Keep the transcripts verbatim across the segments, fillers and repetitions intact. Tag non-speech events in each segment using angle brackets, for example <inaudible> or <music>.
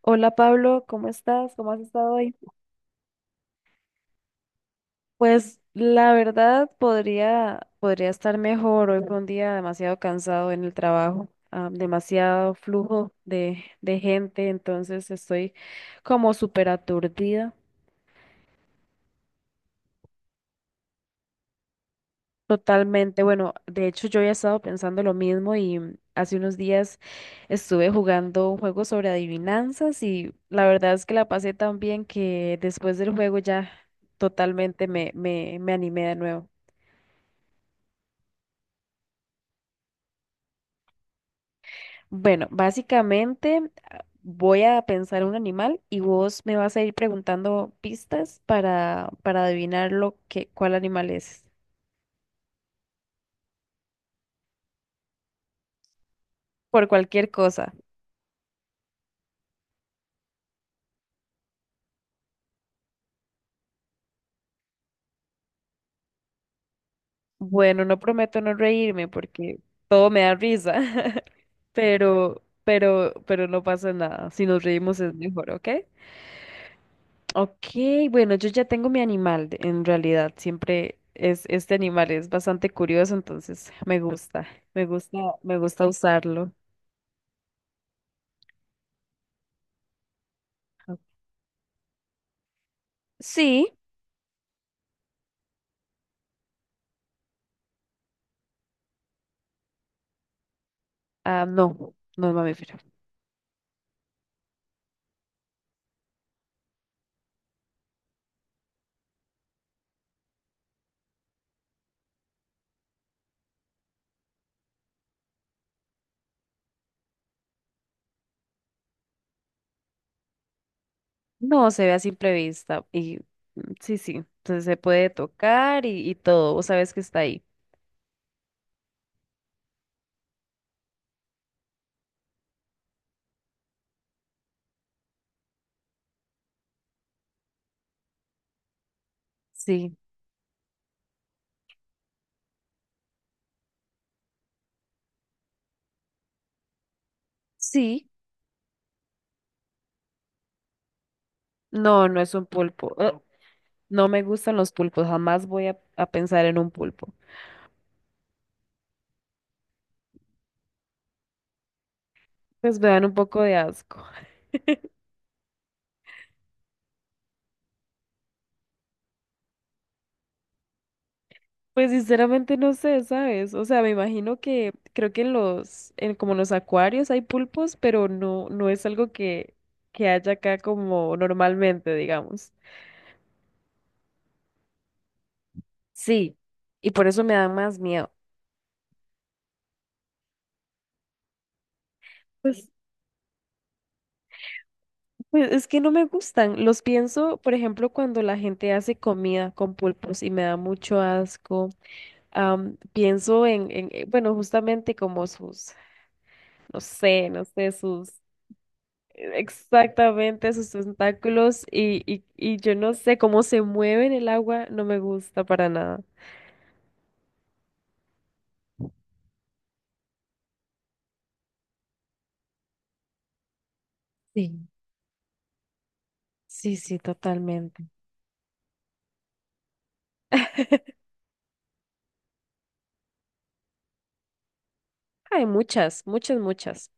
Hola Pablo, ¿cómo estás? ¿Cómo has estado hoy? Pues la verdad podría, podría estar mejor. Hoy fue un día demasiado cansado en el trabajo, ah, demasiado flujo de, de gente, entonces estoy como súper aturdida totalmente. Bueno, de hecho yo ya he estado pensando lo mismo y mm, hace unos días estuve jugando un juego sobre adivinanzas y la verdad es que la pasé tan bien que después del juego ya totalmente me, me, me animé de nuevo. Bueno, básicamente ah, voy a pensar un animal y vos me vas a ir preguntando pistas para, para adivinar lo que, cuál animal es, por cualquier cosa. Bueno, no prometo no reírme porque todo me da risa, <laughs> pero, pero, pero no pasa nada. Si nos reímos es mejor, ¿ok? Ok, bueno, yo ya tengo mi animal, de- en realidad, siempre es este animal, es bastante curioso, entonces me gusta, me gusta, me gusta usarlo. Sí. Ah, no, no es mamífero. No, se ve a simple vista. Y mm, sí, sí. Entonces se puede tocar y, y todo. Vos sabés que está ahí. Sí, sí. No, no es un pulpo. Ah, no me gustan los pulpos. Jamás voy a, a pensar en un pulpo. Pues me dan un poco de asco. <laughs> Pues sinceramente no sé, ¿sabes? O sea, me imagino que creo que en los, en como en los acuarios hay pulpos, pero no, no es algo que, que haya acá como normalmente, digamos. Sí, y por eso me dan más miedo. Pues, pues es que no me gustan. Los pienso, por ejemplo, cuando la gente hace comida con pulpos y me da mucho asco. Am, pienso en, en, eh, bueno, justamente como sus, no sé, no sé, sus, eh, exactamente sus tentáculos y, y, y yo no sé cómo se mueve en el agua, no me gusta para nada. Sí, sí, sí, totalmente. <laughs> Hay muchas, muchas, muchas.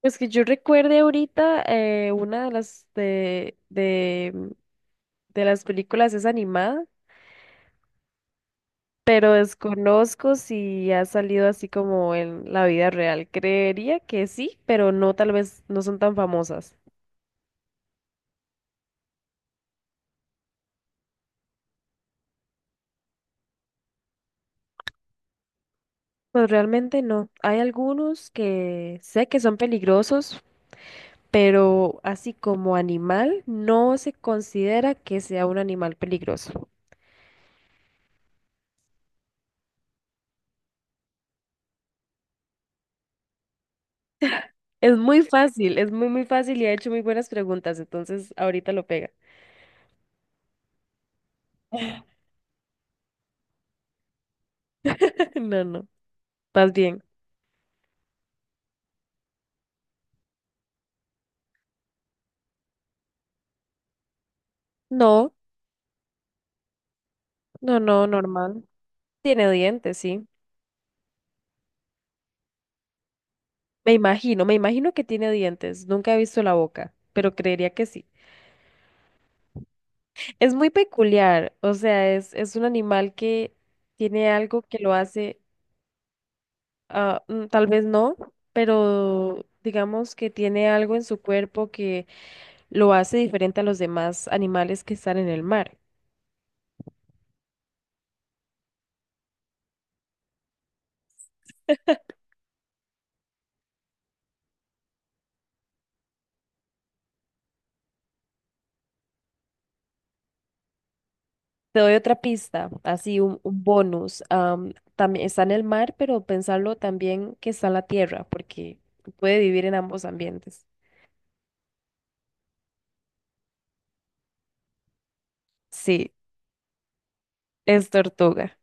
Pues que yo recuerde ahorita eh, una de las de, de, mm, de las películas es animada, pero desconozco si ha salido así como en la vida real. Creería que sí, pero no, tal vez no son tan famosas. Pues realmente no. Hay algunos que sé que son peligrosos, pero así como animal, no se considera que sea un animal peligroso. Es muy fácil, es muy, muy fácil y ha hecho muy buenas preguntas, entonces ahorita lo pega. <laughs> No, no, más bien. No, no, no, normal. Tiene dientes, sí. Me imagino, me imagino que tiene dientes. Nunca he visto la boca, pero creería que sí. Es muy peculiar, o sea, es, es un animal que tiene algo que lo hace, ah, mm, tal vez no, pero digamos que tiene algo en su cuerpo que lo hace diferente a los demás animales que están en el mar. Te doy otra pista, así un, un bonus. am, también está en el mar, pero pensarlo también que está en la tierra, porque puede vivir en ambos ambientes. Sí, es tortuga.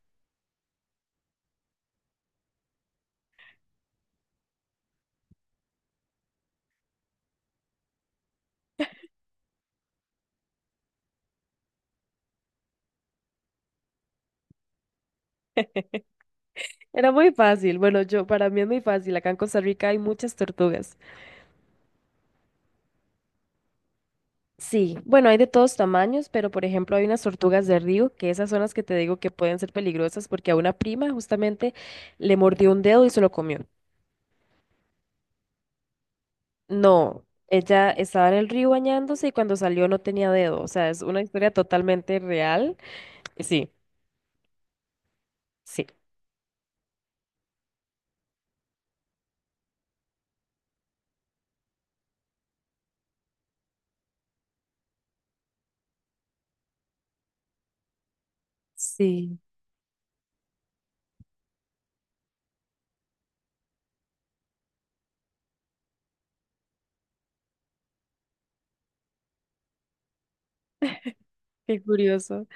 Era muy fácil. Bueno, yo para mí es muy fácil. Acá en Costa Rica hay muchas tortugas. Sí, bueno, hay de todos tamaños, pero por ejemplo hay unas tortugas de río, que esas son las que te digo que pueden ser peligrosas porque a una prima justamente le mordió un dedo y se lo comió. No, ella estaba en el río bañándose y cuando salió no tenía dedo. O sea, es una historia totalmente real. Sí, sí. Sí. Qué curioso.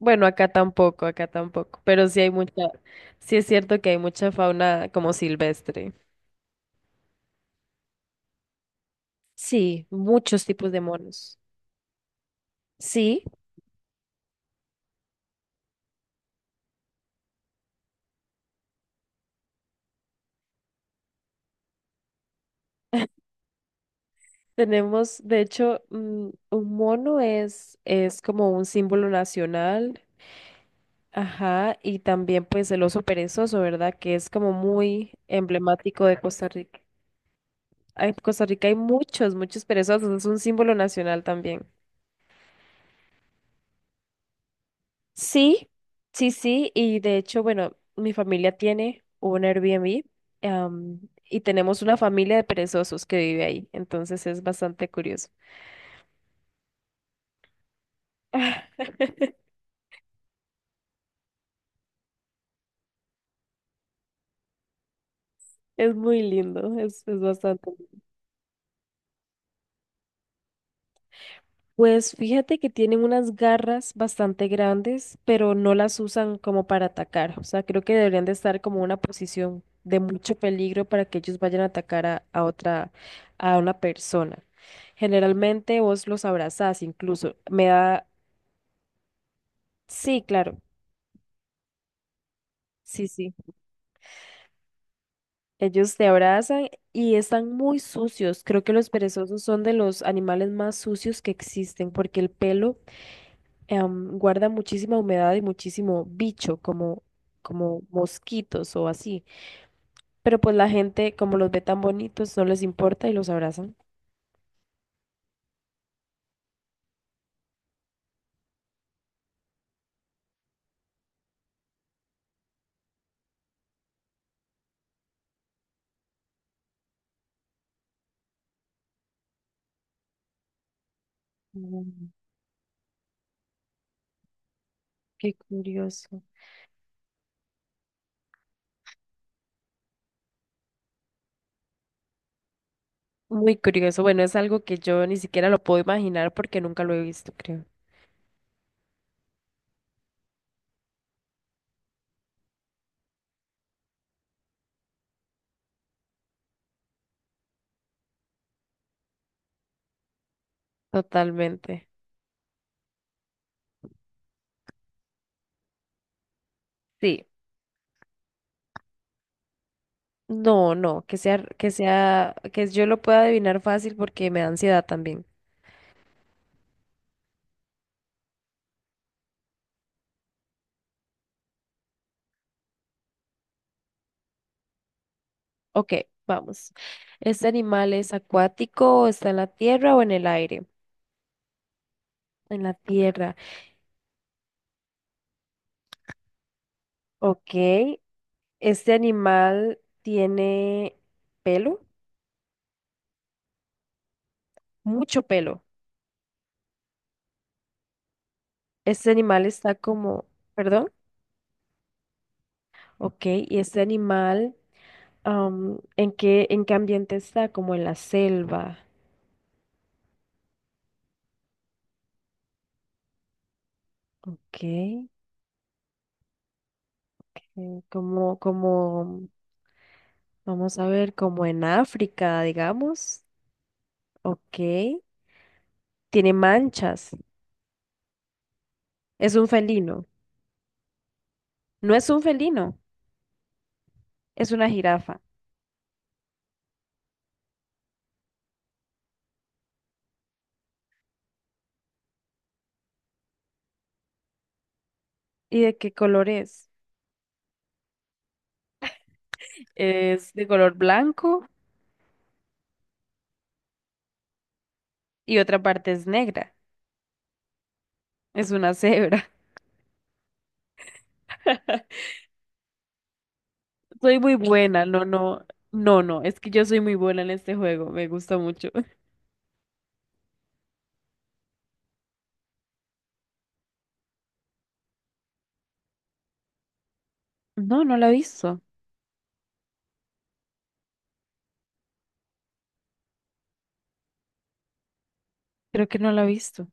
Bueno, acá tampoco, acá tampoco. Pero sí hay mucha, sí es cierto que hay mucha fauna como silvestre. Sí, muchos tipos de monos. Sí, tenemos, de hecho, mm, un mono es, es como un símbolo nacional. Ajá, y también pues el oso perezoso, ¿verdad? Que es como muy emblemático de Costa Rica. Ah, en Costa Rica hay muchos, muchos perezosos, es un símbolo nacional también. Sí, sí, sí, y de hecho, bueno, mi familia tiene un Airbnb, am, y tenemos una familia de perezosos que vive ahí, entonces es bastante curioso. <laughs> Es muy lindo, es, es bastante. Pues fíjate que tienen unas garras bastante grandes, pero no las usan como para atacar. O sea, creo que deberían de estar como en una posición de mucho peligro para que ellos vayan a atacar a, a otra, a una persona. Generalmente vos los abrazás, incluso. Me da, sí, claro, sí, sí. Ellos te abrazan y están muy sucios. Creo que los perezosos son de los animales más sucios que existen porque el pelo em, guarda muchísima humedad y muchísimo bicho, como, como mosquitos o así. Pero pues la gente, como los ve tan bonitos, no les importa y los abrazan. Mm, qué curioso. Muy curioso. Bueno, es algo que yo ni siquiera lo puedo imaginar porque nunca lo he visto, creo. Totalmente. Sí. No, no, que sea, que sea, que yo lo pueda adivinar fácil porque me da ansiedad también. Ok, vamos. ¿Este animal es acuático, está en la tierra o en el aire? En la tierra. Ok, este animal tiene pelo, mucho pelo. Este animal está como, perdón, ok, y este animal, am, ¿en qué, en qué ambiente está? Como en la selva, ok, eh, como, como, vamos a ver, como en África, digamos, ok, tiene manchas, es un felino, no es un felino, es una jirafa. ¿Y de qué color es? ¿Es de color blanco? Y otra parte es negra, es una cebra. <laughs> Soy muy buena, no, no, no, no, es que yo soy muy buena en este juego, me gusta mucho. No, no la he visto, creo que no la he visto.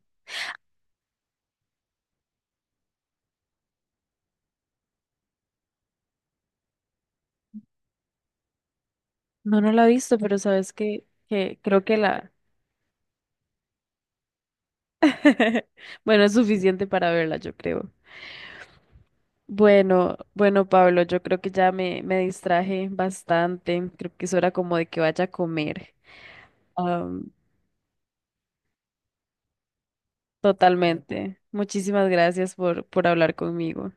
No, no la he visto, pero sabes que, que creo que la... <laughs> Bueno, es suficiente para verla, yo creo. Bueno, bueno, Pablo, yo creo que ya me, me distraje bastante, creo que es hora como de que vaya a comer. Totalmente. Muchísimas gracias por, por hablar conmigo.